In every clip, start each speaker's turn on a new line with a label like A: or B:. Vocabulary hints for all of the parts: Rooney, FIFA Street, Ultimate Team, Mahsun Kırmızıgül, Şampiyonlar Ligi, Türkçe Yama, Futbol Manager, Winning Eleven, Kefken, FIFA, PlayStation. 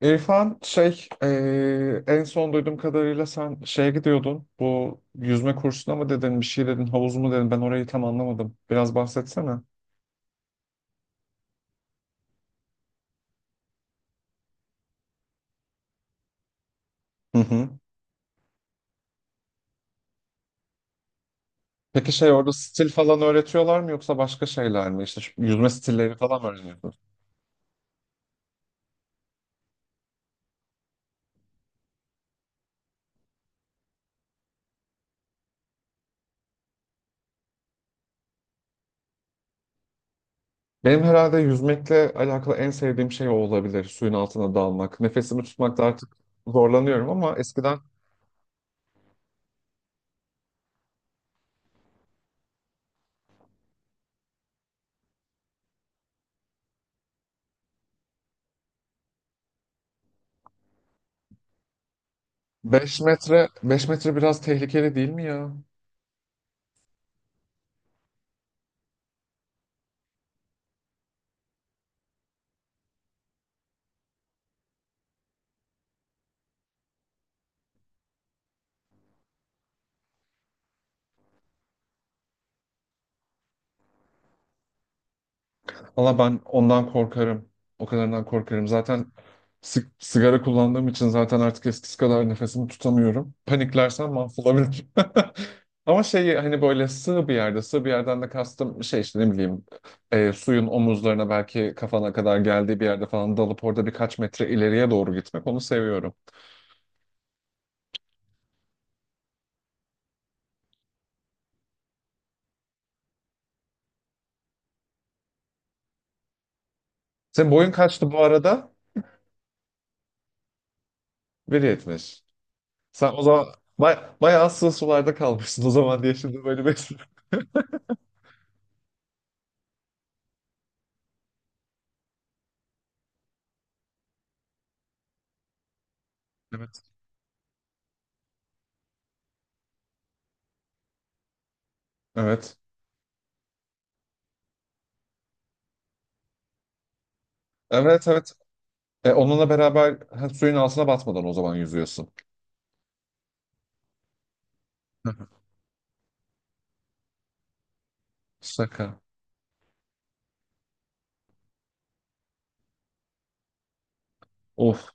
A: İrfan şey en son duyduğum kadarıyla sen şeye gidiyordun, bu yüzme kursuna mı dedin bir şey dedin, havuz mu dedin, ben orayı tam anlamadım, biraz bahsetsene. Hı hı. Peki şey orada stil falan öğretiyorlar mı yoksa başka şeyler mi, İşte şu yüzme stilleri falan mı öğreniyorsunuz? Benim herhalde yüzmekle alakalı en sevdiğim şey o olabilir, suyun altına dalmak. Nefesimi tutmakta artık zorlanıyorum ama eskiden, 5 metre 5 metre biraz tehlikeli değil mi ya? Valla ben ondan korkarım. O kadarından korkarım. Zaten sigara kullandığım için zaten artık eskisi kadar nefesimi tutamıyorum. Paniklersem mahvolabilirim. Ama şey hani böyle sığ bir yerde, sığ bir yerden de kastım şey işte ne bileyim, suyun omuzlarına belki kafana kadar geldiği bir yerde falan dalıp orada birkaç metre ileriye doğru gitmek, onu seviyorum. Senin boyun kaçtı bu arada? 1.70. Sen o zaman bayağı sığ sularda kalmışsın o zaman diye şimdi böyle besliyorum. Evet. Evet. Evet evet. E, onunla beraber ha, suyun altına batmadan o zaman yüzüyorsun. Hı hı. Şaka. Of.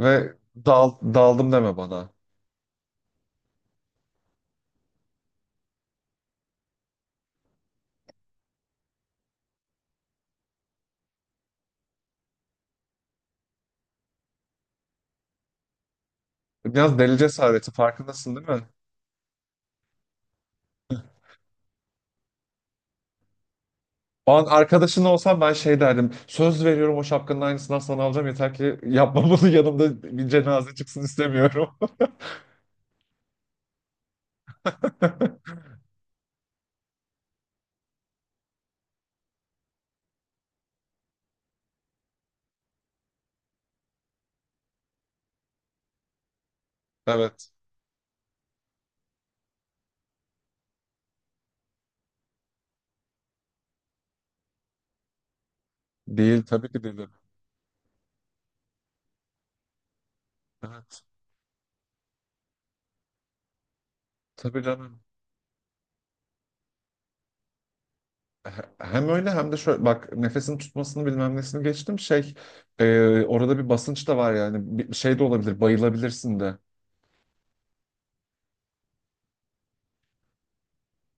A: Ve daldım deme bana. Biraz deli cesareti, farkındasın değil mi? O an arkadaşın olsam ben şey derdim: söz veriyorum, o şapkanın aynısından sana alacağım. Yeter ki yapma bunu, yanımda bir cenaze çıksın istemiyorum. Evet. Değil tabii ki değilim. Evet. Tabii canım. Hem öyle hem de şöyle bak, nefesini tutmasını bilmem nesini geçtim şey, orada bir basınç da var yani, bir şey de olabilir, bayılabilirsin de.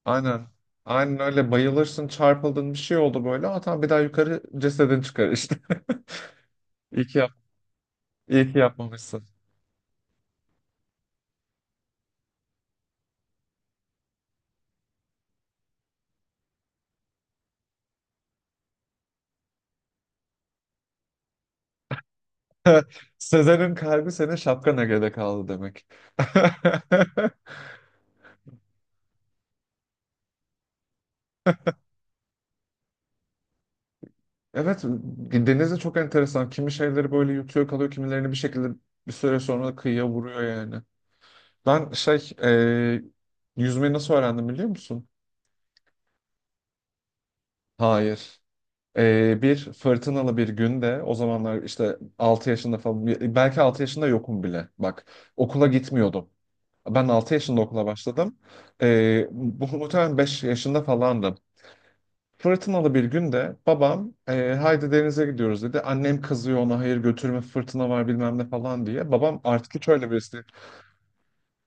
A: Aynen. Aynen öyle, bayılırsın, çarpıldın, bir şey oldu böyle. Atan bir daha yukarı, cesedin çıkar işte. İyi ki yap, iyi ki yapmamışsın. Sezer'in kalbi senin şapkana geride kaldı demek. Evet, denize çok enteresan. Kimi şeyleri böyle yutuyor kalıyor, kimilerini bir şekilde bir süre sonra da kıyıya vuruyor yani. Ben şey, yüzmeyi nasıl öğrendim biliyor musun? Hayır. Bir fırtınalı bir günde, o zamanlar işte 6 yaşında falan, belki 6 yaşında yokum bile bak, okula gitmiyordum. Ben 6 yaşında okula başladım. Bu muhtemelen 5 yaşında falandım. Fırtınalı bir günde babam, haydi denize gidiyoruz dedi. Annem kızıyor ona, hayır götürme fırtına var bilmem ne falan diye. Babam artık hiç öyle birisi.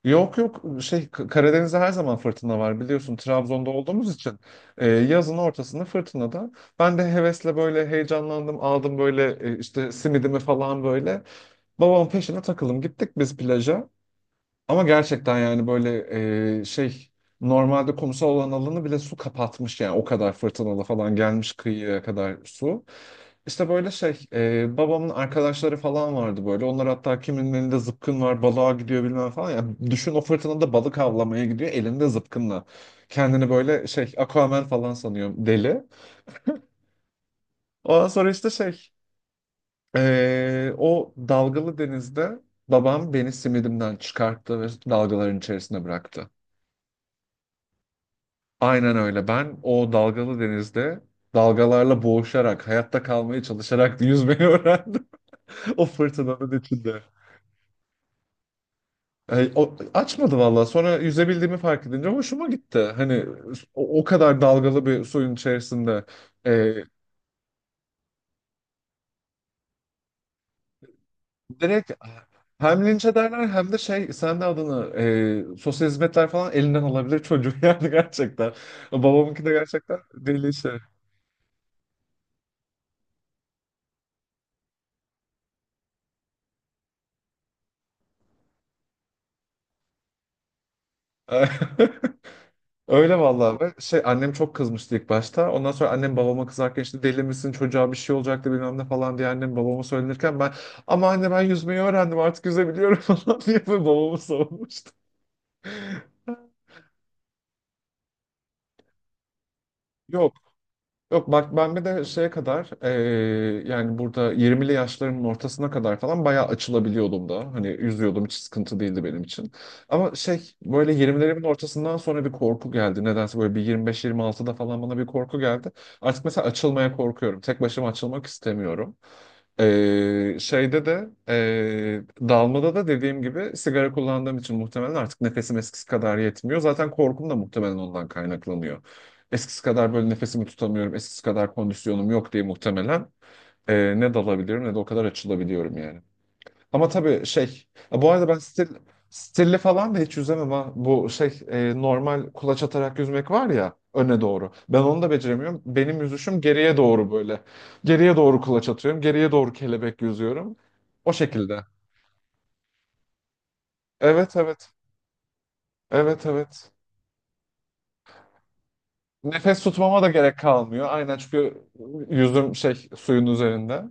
A: Yok yok şey, Karadeniz'de her zaman fırtına var biliyorsun, Trabzon'da olduğumuz için. Yazın ortasında fırtınada ben de hevesle böyle heyecanlandım, aldım böyle işte simidimi falan böyle, babamın peşine takılım gittik biz plaja, ama gerçekten yani böyle şey, normalde kumsal olan alanı bile su kapatmış yani, o kadar fırtınalı falan gelmiş kıyıya kadar su, işte böyle şey, babamın arkadaşları falan vardı böyle. Onlar hatta kimin elinde zıpkın var, balığa gidiyor bilmem falan. Ya düşün, o fırtınada balık avlamaya gidiyor elinde zıpkınla. Kendini böyle şey, Aquaman falan sanıyor deli. Ondan sonra işte şey, o dalgalı denizde babam beni simidimden çıkarttı ve dalgaların içerisine bıraktı. Aynen öyle. Ben o dalgalı denizde dalgalarla boğuşarak, hayatta kalmaya çalışarak yüzmeyi öğrendim. O fırtınanın içinde. Açmadı vallahi. Sonra yüzebildiğimi fark edince hoşuma gitti. Hani o, o kadar dalgalı bir suyun içerisinde. E, direkt hem linç ederler hem de şey sen de adını, sosyal hizmetler falan elinden alabilir çocuğu yani gerçekten. Babamınki de gerçekten deli şey. Öyle vallahi, ve şey annem çok kızmıştı ilk başta. Ondan sonra annem babama kızarken, işte deli misin çocuğa bir şey olacaktı bilmem ne falan diye annem babama söylenirken ben, ama anne ben yüzmeyi öğrendim artık yüzebiliyorum falan diye böyle babamı savunmuştum. Yok. Yok bak, ben bir de şeye kadar yani burada 20'li yaşlarımın ortasına kadar falan bayağı açılabiliyordum da. Hani yüzüyordum, hiç sıkıntı değildi benim için. Ama şey böyle 20'lerimin ortasından sonra bir korku geldi. Nedense böyle bir 25-26'da falan bana bir korku geldi. Artık mesela açılmaya korkuyorum. Tek başıma açılmak istemiyorum. Şeyde de dalmada da dediğim gibi, sigara kullandığım için muhtemelen artık nefesim eskisi kadar yetmiyor. Zaten korkum da muhtemelen ondan kaynaklanıyor. Eskisi kadar böyle nefesimi tutamıyorum, eskisi kadar kondisyonum yok diye muhtemelen ne dalabilirim, ne de o kadar açılabiliyorum yani. Ama tabii şey, ha, bu arada ben stilli falan da hiç yüzemem ha. Bu şey normal kulaç atarak yüzmek var ya öne doğru. Ben onu da beceremiyorum. Benim yüzüşüm geriye doğru böyle. Geriye doğru kulaç atıyorum, geriye doğru kelebek yüzüyorum. O şekilde. Evet evet. Evet evet. Nefes tutmama da gerek kalmıyor. Aynen, çünkü yüzüm şey suyun üzerinde.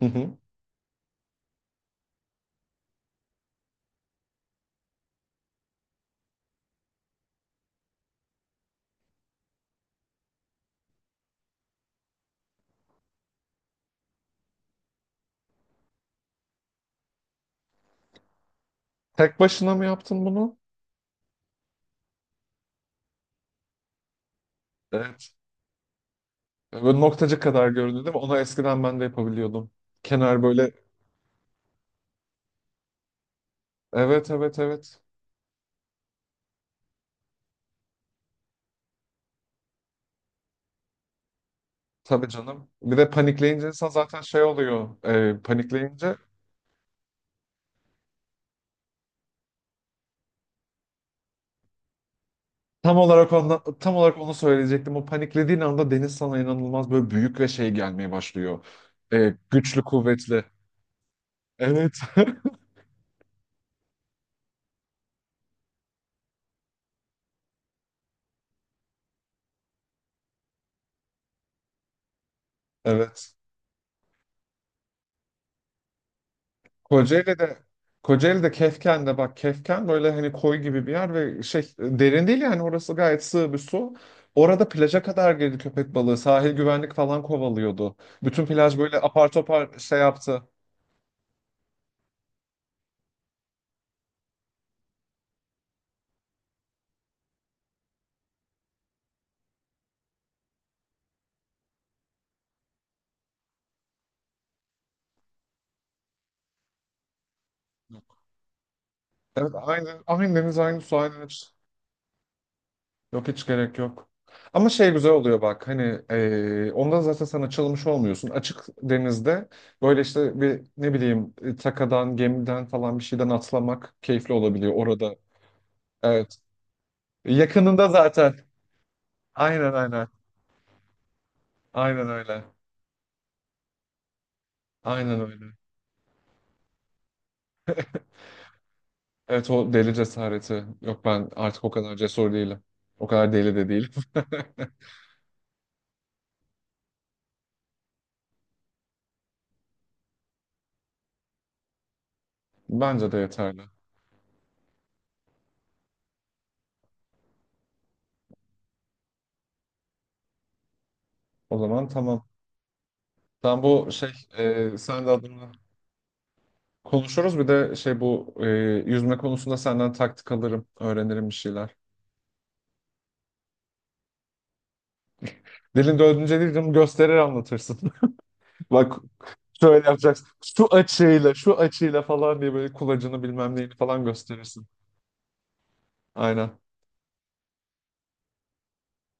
A: Hı hı. Tek başına mı yaptın bunu? Evet. Böyle noktacı kadar göründü değil mi? Onu eskiden ben de yapabiliyordum. Kenar böyle. Evet evet evet. Tabii canım. Bir de panikleyince insan zaten şey oluyor. Panikleyince. Tam olarak ondan, tam olarak onu söyleyecektim. O paniklediğin anda deniz sana inanılmaz böyle büyük ve şey gelmeye başlıyor. Güçlü, kuvvetli. Evet. Evet. Kocaeli'de Kocaeli'de Kefken'de bak, Kefken böyle hani koy gibi bir yer ve şey derin değil yani, orası gayet sığ bir su. Orada plaja kadar girdi köpek balığı. Sahil güvenlik falan kovalıyordu. Bütün plaj böyle apar topar şey yaptı. Evet, aynı deniz aynı su aynı hepsi. Yok hiç gerek yok. Ama şey güzel oluyor bak, hani ondan zaten sen açılmış olmuyorsun. Açık denizde böyle işte bir ne bileyim, takadan, gemiden falan bir şeyden atlamak keyifli olabiliyor orada. Evet. Yakınında zaten. Aynen aynen. Aynen öyle. Aynen öyle. Evet, o deli cesareti. Yok, ben artık o kadar cesur değilim. O kadar deli de değilim. Bence de yeterli. O zaman tamam. Ben bu şey sen de adını, konuşuruz bir de şey, bu yüzme konusunda senden taktik alırım. Öğrenirim bir şeyler. Dilin dördüncü dilim gösterir anlatırsın. Bak şöyle yapacaksın. Şu açıyla şu açıyla falan diye böyle kulacını bilmem neyini falan gösterirsin. Aynen.